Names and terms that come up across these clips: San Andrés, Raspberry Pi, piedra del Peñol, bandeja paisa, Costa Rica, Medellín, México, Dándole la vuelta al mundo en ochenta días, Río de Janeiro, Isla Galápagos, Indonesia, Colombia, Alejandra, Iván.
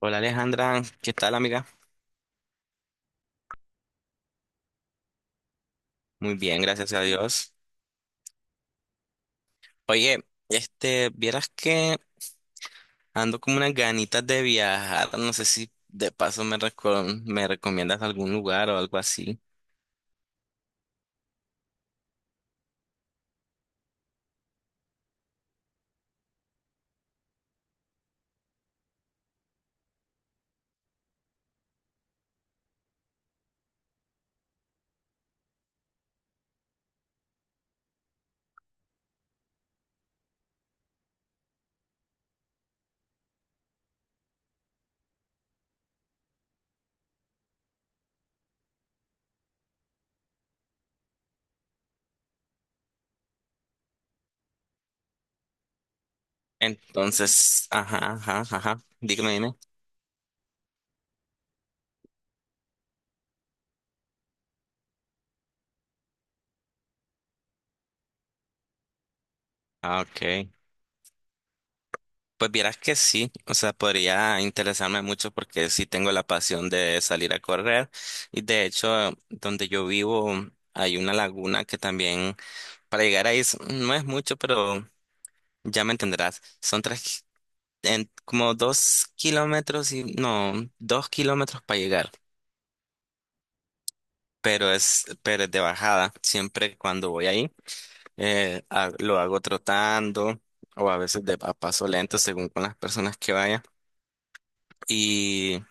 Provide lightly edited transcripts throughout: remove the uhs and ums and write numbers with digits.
Hola Alejandra, ¿qué tal amiga? Muy bien, gracias a Dios. Oye, vieras que ando como unas ganitas de viajar, no sé si de paso me recomiendas algún lugar o algo así. Entonces, ajá, ajá, ajá, dígame, dime. Ah, ok. Pues vieras que sí, o sea, podría interesarme mucho porque sí tengo la pasión de salir a correr y, de hecho, donde yo vivo hay una laguna que también para llegar ahí no es mucho, pero ya me entenderás. Son tres, como 2 km y no, 2 km para llegar. Pero es de bajada. Siempre cuando voy ahí, lo hago trotando o a veces de a paso lento según con las personas que vaya. Y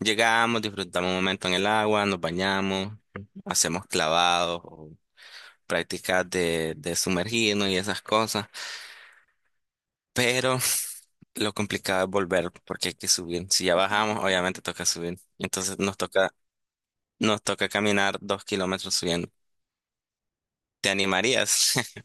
llegamos, disfrutamos un momento en el agua, nos bañamos, hacemos clavados o prácticas de sumergirnos y esas cosas, pero lo complicado es volver porque hay que subir. Si ya bajamos, obviamente toca subir. Entonces nos toca caminar 2 km subiendo. ¿Te animarías?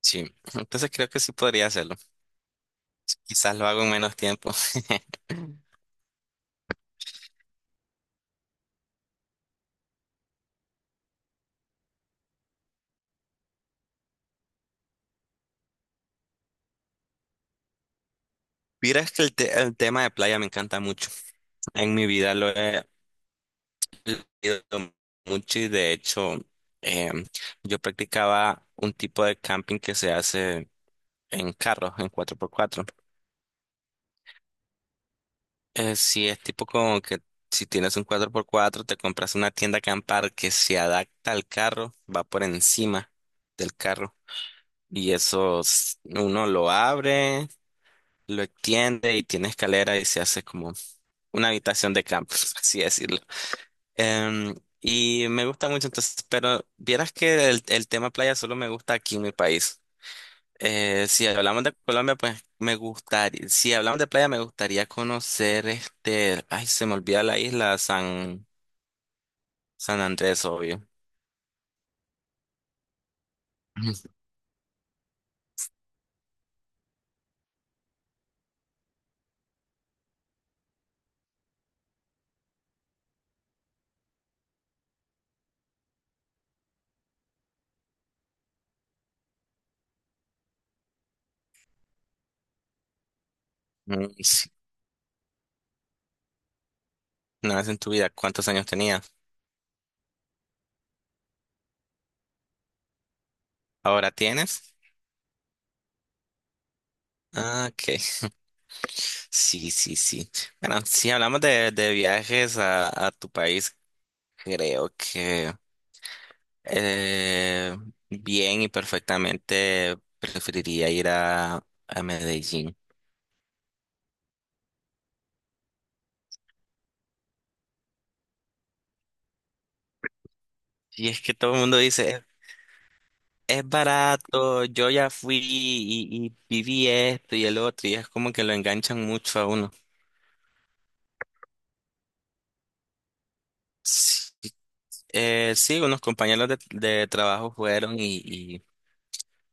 Sí. Entonces creo que sí podría hacerlo. Quizás lo hago en menos tiempo. Vieras que el tema de playa me encanta mucho. En mi vida lo he leído mucho y, de hecho, em, yo practicaba un tipo de camping que se hace en carros, en 4x4. Sí, es tipo como que si tienes un 4x4 te compras una tienda acampar que se adapta al carro, va por encima del carro. Y eso uno lo abre, lo extiende y tiene escalera y se hace como una habitación de campo, por así decirlo. Y me gusta mucho, entonces, pero vieras que el tema playa solo me gusta aquí en mi país. Si hablamos de Colombia, pues me gustaría, si hablamos de playa, me gustaría conocer ay, se me olvida la isla, San, San Andrés, obvio. Mm, sí, una vez en tu vida, ¿cuántos años tenías? ¿Ahora tienes? Ah, ok. Sí, sí, sí. Bueno, si hablamos de viajes a tu país, creo que eh, bien y perfectamente preferiría ir a Medellín. Y es que todo el mundo dice, "Es barato, yo ya fui y viví esto y el otro", y es como que lo enganchan mucho a uno. Sí, sí, unos compañeros de trabajo fueron y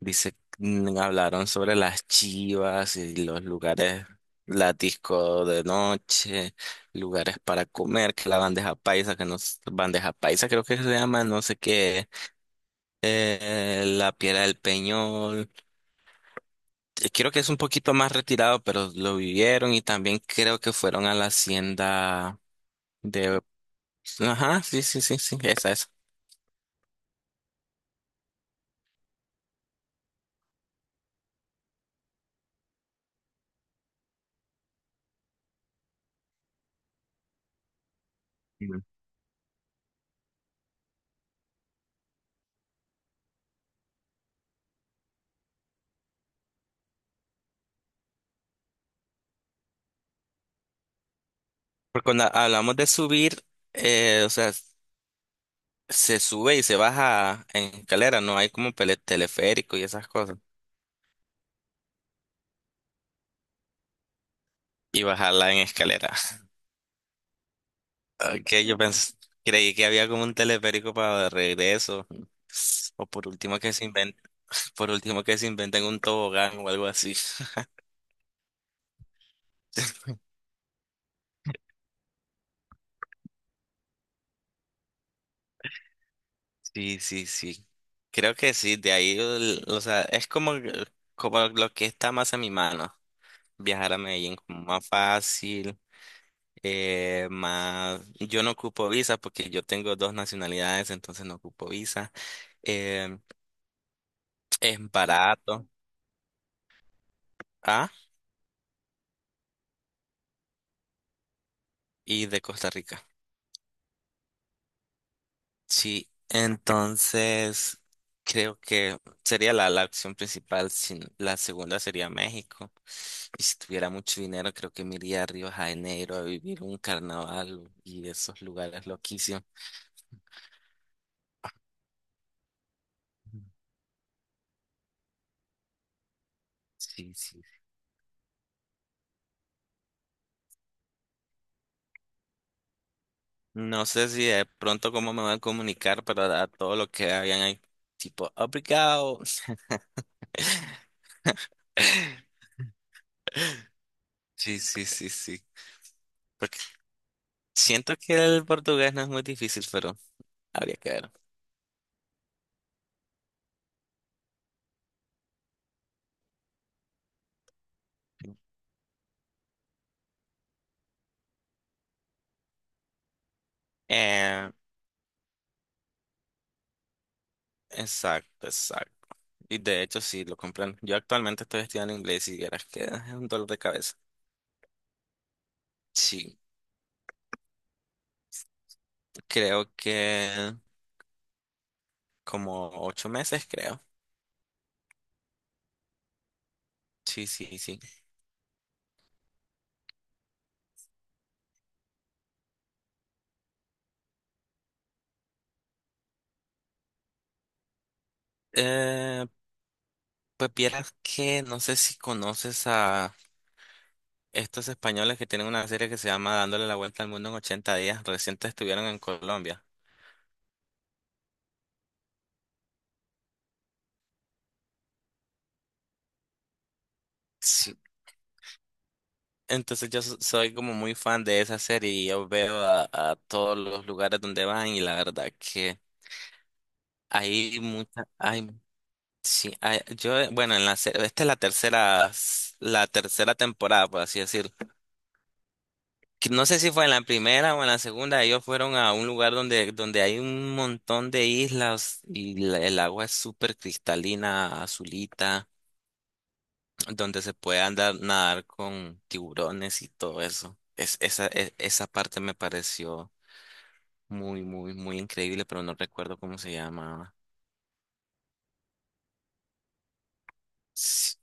dice, hablaron sobre las chivas y los lugares, la disco de noche, lugares para comer, que la bandeja paisa, que no, bandeja paisa creo que se llama, no sé qué, la piedra del Peñol. Creo que es un poquito más retirado, pero lo vivieron y también creo que fueron a la hacienda de... Ajá, sí, sí, sí, sí, esa, esa. Mm. Porque cuando hablamos de subir, o sea, se sube y se baja en escalera, no hay como teleférico y esas cosas. Y bajarla en escalera. Ok, yo pensé, creí que había como un teleférico para de regreso. O por último que se inventen, por último que se inventen un tobogán o algo así. Sí, sí, sí. Creo que sí, de ahí, o sea, es como lo que está más a mi mano. Viajar a Medellín como más fácil, más... Yo no ocupo visa porque yo tengo dos nacionalidades, entonces no ocupo visa. Eh, es barato. Ah, y de Costa Rica. Sí, entonces creo que sería la opción principal. La segunda sería México. Y si tuviera mucho dinero, creo que me iría a Río de Janeiro a vivir un carnaval y esos lugares loquísimos. Ujú. Sí, sí. No sé si de pronto cómo me van a comunicar, pero a todo lo que habían ahí, tipo, obrigado. Sí, sí, sí, sí. Porque siento que el portugués no es muy difícil, pero habría que ver. Eh, exacto, exacto. Y, de hecho, sí, lo comprendo. Yo actualmente estoy estudiando inglés y vieras que es un dolor de cabeza. Sí, creo que como 8 meses, creo. Sí, sí, sí. Eh, pues vieras que no sé si conoces a estos españoles que tienen una serie que se llama Dándole la vuelta al mundo en 80 días. Recientes estuvieron en Colombia. Sí. Entonces yo soy como muy fan de esa serie y yo veo a todos los lugares donde van y la verdad que hay mucha, hay... Sí, ah, yo, bueno, en la, esta es la tercera, la tercera temporada, por así decir. Que no sé si fue en la primera o en la segunda, ellos fueron a un lugar donde, hay un montón de islas y el agua es súper cristalina, azulita, donde se puede andar, nadar con tiburones y todo eso. Esa esa parte me pareció muy, muy, muy increíble, pero no recuerdo cómo se llamaba. Sí,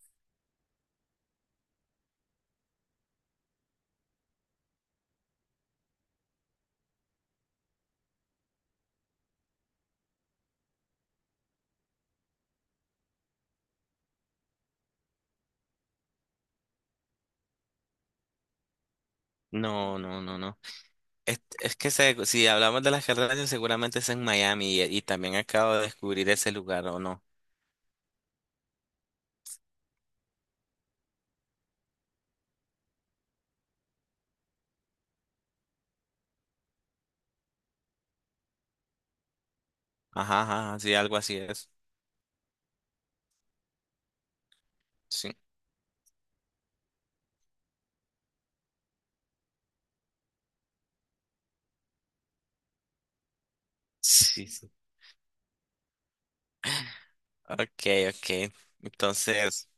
no, no, no, no. Es que, si hablamos de las carreras, seguramente es en Miami y, también acabo de descubrir ese lugar, ¿o no? Ajá, ajá, ajá, sí, algo así es. Sí, sí, sí. Ok, ok. Entonces,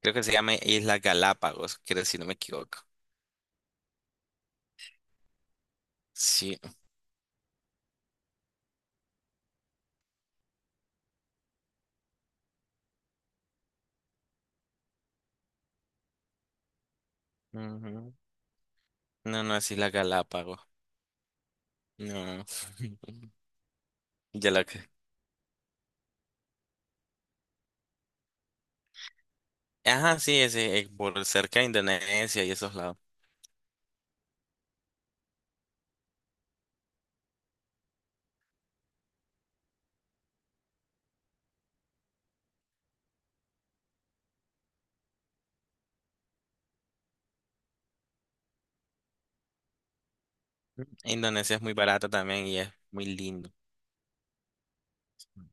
creo que se llama Isla Galápagos, creo, si no me equivoco. Sí. Ujú. No, no es Isla Galápagos. No. Ya lo que... Ajá, sí, es, por cerca de Indonesia y esos lados. Indonesia es muy barata también y es muy lindo. Mm,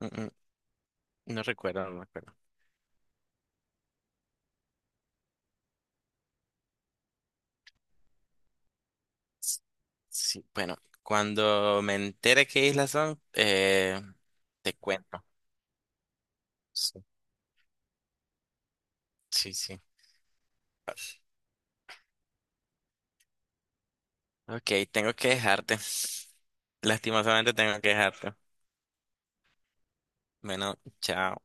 mm, mm, No recuerdo, no recuerdo. Sí, bueno, cuando me entere qué islas son, te cuento. Sí, sí, sí. Ok, tengo que dejarte. Lastimosamente tengo que dejarte. Bueno, chao.